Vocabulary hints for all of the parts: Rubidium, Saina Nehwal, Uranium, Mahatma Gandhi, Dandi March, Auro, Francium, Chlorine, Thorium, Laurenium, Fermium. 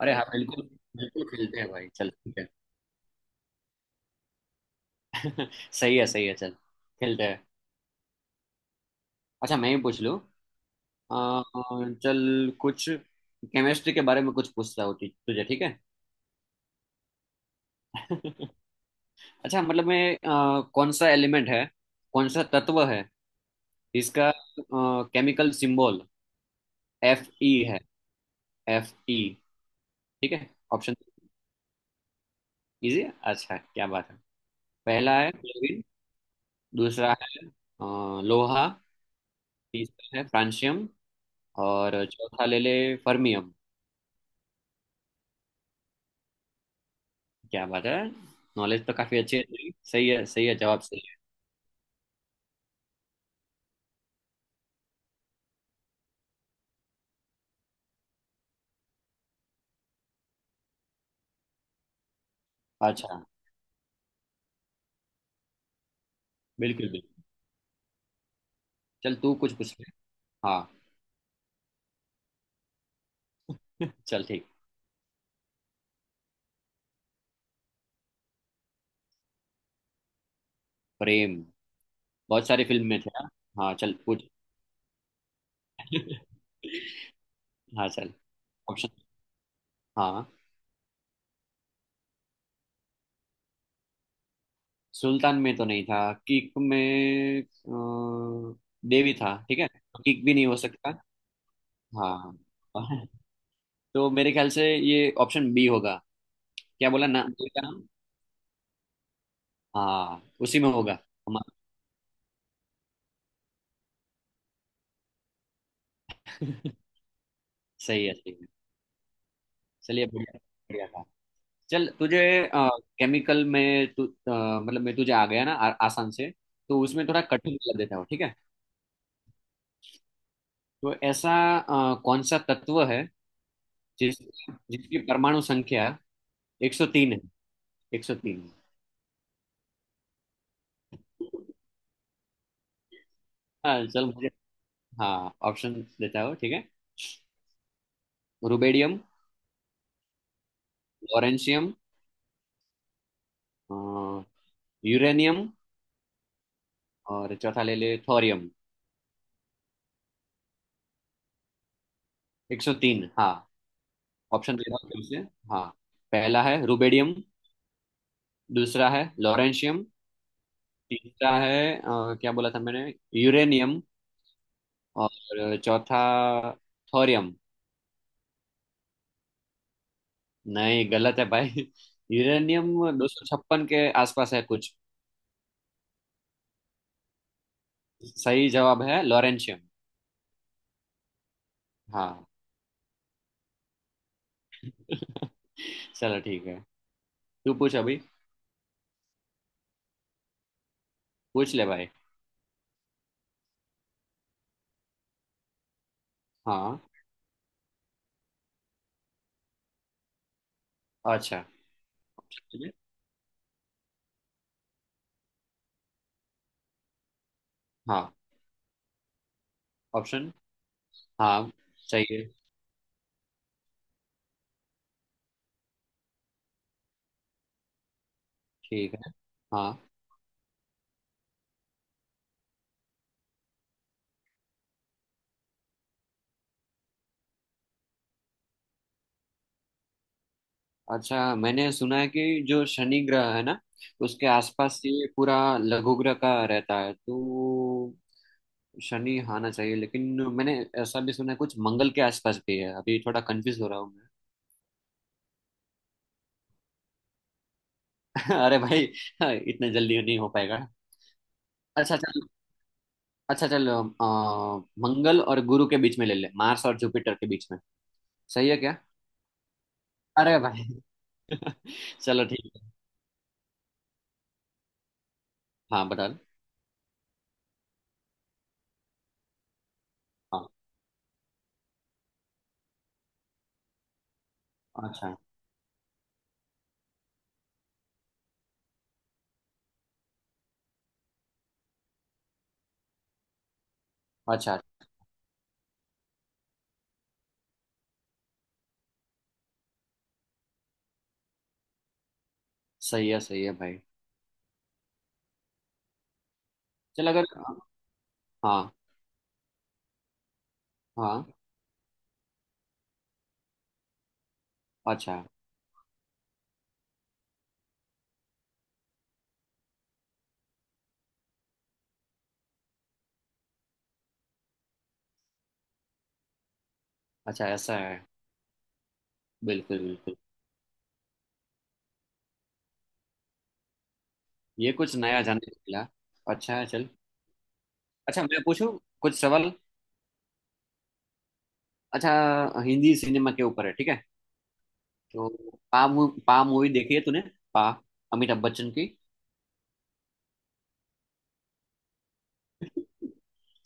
अरे हाँ, बिल्कुल बिल्कुल खेलते हैं भाई, चल ठीक है। सही है सही है, चल खेलते हैं। अच्छा, मैं ही पूछ लूँ। चल, कुछ केमिस्ट्री के बारे में कुछ पूछता हूँ, तुझे ठीक है। अच्छा मतलब, मैं कौन सा एलिमेंट है, कौन सा तत्व है जिसका केमिकल सिंबल एफ ई है। F E. ठीक है, ऑप्शन। इजी है, अच्छा क्या बात है। पहला है क्लोरीन, दूसरा है लोहा, तीसरा है फ्रांशियम, और चौथा ले ले फर्मियम। क्या बात है, नॉलेज तो काफी अच्छी है तेरी। सही है सही है, जवाब सही है। अच्छा। बिल्कुल बिल्कुल। चल, तू कुछ पूछ ले। हाँ। चल ठीक। प्रेम? बहुत सारी फिल्म में थे। हाँ हाँ, चल पूछ। हाँ चल। ऑप्शन। हाँ। सुल्तान में तो नहीं था, किक में देवी था, ठीक है। किक भी नहीं हो सकता। हाँ। तो मेरे ख्याल से ये ऑप्शन बी होगा। क्या बोला ना देवी का नाम। हाँ, उसी में होगा। हमारा। सही है सही है। चलिए, बढ़िया। बढ़िया था। चल तुझे केमिकल में तू मतलब, मैं तुझे आ गया ना, आसान से, तो उसमें थोड़ा कठिन कर देता हूँ, ठीक है। तो ऐसा, कौन सा तत्व है जिस जिसकी परमाणु संख्या 103 है। 103। हाँ, चल मुझे। हाँ, ऑप्शन देता हूँ, ठीक है। रुबेडियम, लॉरेंशियम, अ, यूरेनियम, और चौथा ले ले थोरियम। 103 हाँ। ऑप्शन दे रहा हूँ फिर से। हाँ। पहला है रुबेडियम, दूसरा है लॉरेंशियम, तीसरा है क्या बोला था मैंने, यूरेनियम, और चौथा थोरियम। नहीं, गलत है भाई। यूरेनियम दो सौ छप्पन के आसपास है कुछ। सही जवाब है लॉरेंशियम। हाँ। चलो ठीक है, तू पूछ अभी। पूछ ले भाई। हाँ। अच्छा। हाँ, ऑप्शन। हाँ, चाहिए। ठीक है। हाँ। अच्छा, मैंने सुना है कि जो शनि ग्रह है ना, उसके आसपास ये पूरा लघु ग्रह का रहता है, तो शनि आना चाहिए। लेकिन मैंने ऐसा भी सुना है कुछ मंगल के आसपास भी है। अभी थोड़ा कंफ्यूज हो रहा हूँ मैं। अरे भाई, इतने जल्दी नहीं हो पाएगा। अच्छा चल। अच्छा चल, मंगल और गुरु के बीच में ले ले, मार्स और जुपिटर के बीच में। सही है क्या? अरे भाई। चलो ठीक है। हाँ, बता दो। हाँ। अच्छा। अच्छा। सही है भाई। चल अगर। हाँ। हाँ। अच्छा। अच्छा ऐसा है। बिल्कुल बिल्कुल। ये कुछ नया जानने को मिला। अच्छा है, चल। अच्छा, मैं पूछूं कुछ सवाल। अच्छा, हिंदी सिनेमा के ऊपर है, ठीक है। तो पा पा मूवी देखी है तूने? पा, अमिताभ बच्चन की।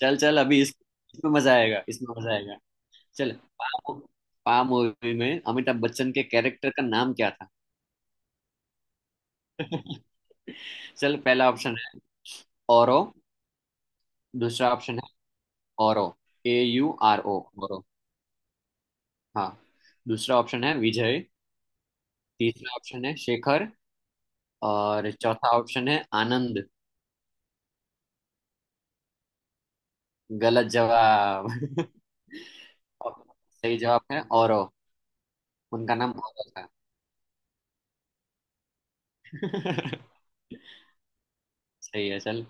चल चल अभी, इसमें मजा आएगा, इसमें मजा आएगा। चल, पा। पा मूवी में अमिताभ बच्चन के कैरेक्टर का नाम क्या था? चल, पहला ऑप्शन है औरो। दूसरा ऑप्शन है औरो, ए यू आर ओ, औरो। हाँ। दूसरा ऑप्शन है विजय, तीसरा ऑप्शन है शेखर, और चौथा ऑप्शन है आनंद। गलत जवाब। और सही जवाब है औरो। उनका नाम औरो था। सही है चल।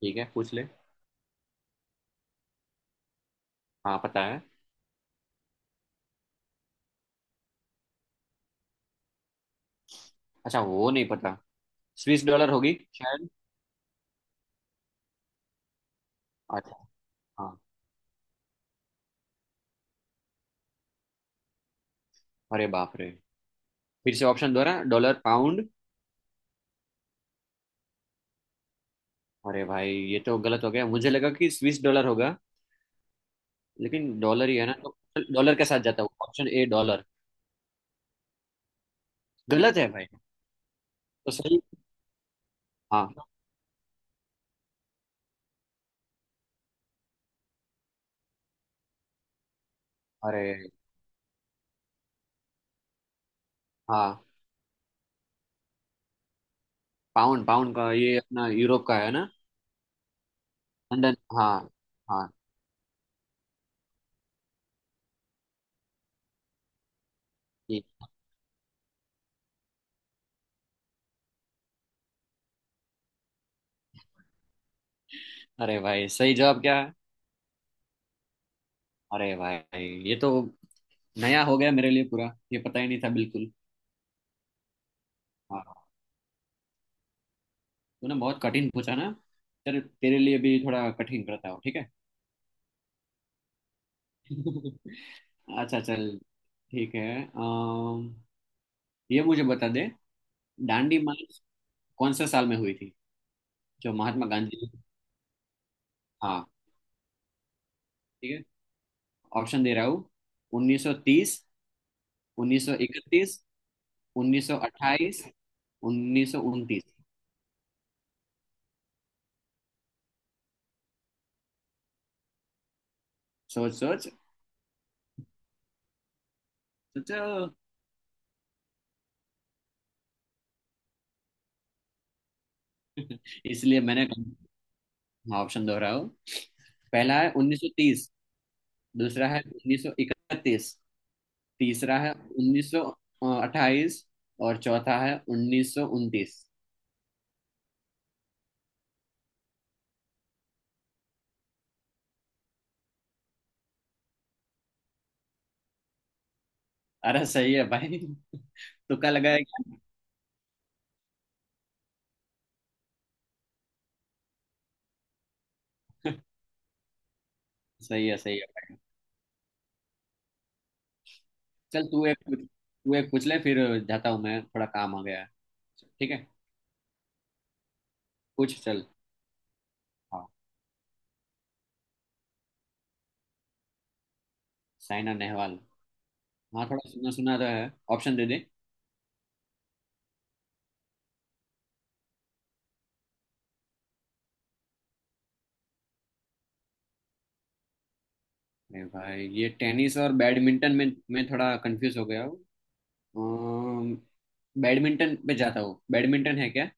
ठीक है, पूछ ले। हाँ, पता है। अच्छा, वो नहीं पता। स्विस डॉलर होगी शायद। अच्छा। हाँ। अरे बाप रे। फिर से ऑप्शन दोहरा, डॉलर पाउंड। अरे भाई, ये तो गलत हो गया, मुझे लगा कि स्विस डॉलर होगा। लेकिन डॉलर ही है ना, तो डॉलर के साथ जाता है ऑप्शन ए डॉलर। गलत है भाई। तो सही। हाँ, अरे हाँ। पाउंड, पाउंड का ये अपना यूरोप का है ना। लंदन, हाँ। हाँ, ये। अरे भाई, सही जवाब क्या है? अरे भाई, ये तो नया हो गया मेरे लिए पूरा। ये पता ही नहीं था बिल्कुल। हाँ, तूने बहुत कठिन पूछा ना। चल, तेरे लिए भी थोड़ा कठिन करता हूँ, ठीक है। अच्छा चल, ठीक है। अम, ये मुझे बता दे। दांडी मार्च कौन से साल में हुई थी, जो महात्मा गांधी। हाँ, ठीक है, ऑप्शन दे रहा हूँ। 1930, 1931, 1928, 1929। सोच सोच। सोचो। इसलिए मैंने। हाँ, ऑप्शन दोहराया हूँ। पहला है 1930, दूसरा है 1931, तीसरा है 1928, और चौथा है 1929। अरे सही है भाई। तुक्का लगाया क्या? सही है सही है। चल, तू एक पूछ ले फिर। जाता हूँ मैं, थोड़ा काम आ गया है। ठीक है, पूछ चल। हाँ, साइना नेहवाल। हाँ, थोड़ा सुना सुना तो है। ऑप्शन दे दे। अरे भाई, ये टेनिस और बैडमिंटन में मैं थोड़ा कंफ्यूज हो गया हूँ। अम, बैडमिंटन पे जाता हूँ। बैडमिंटन है क्या?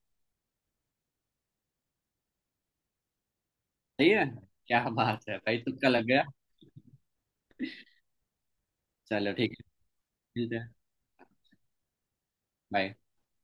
सही है। क्या बात है भाई, तुक्का लग गया। चलो ठीक है, मिलते हैं। बाय।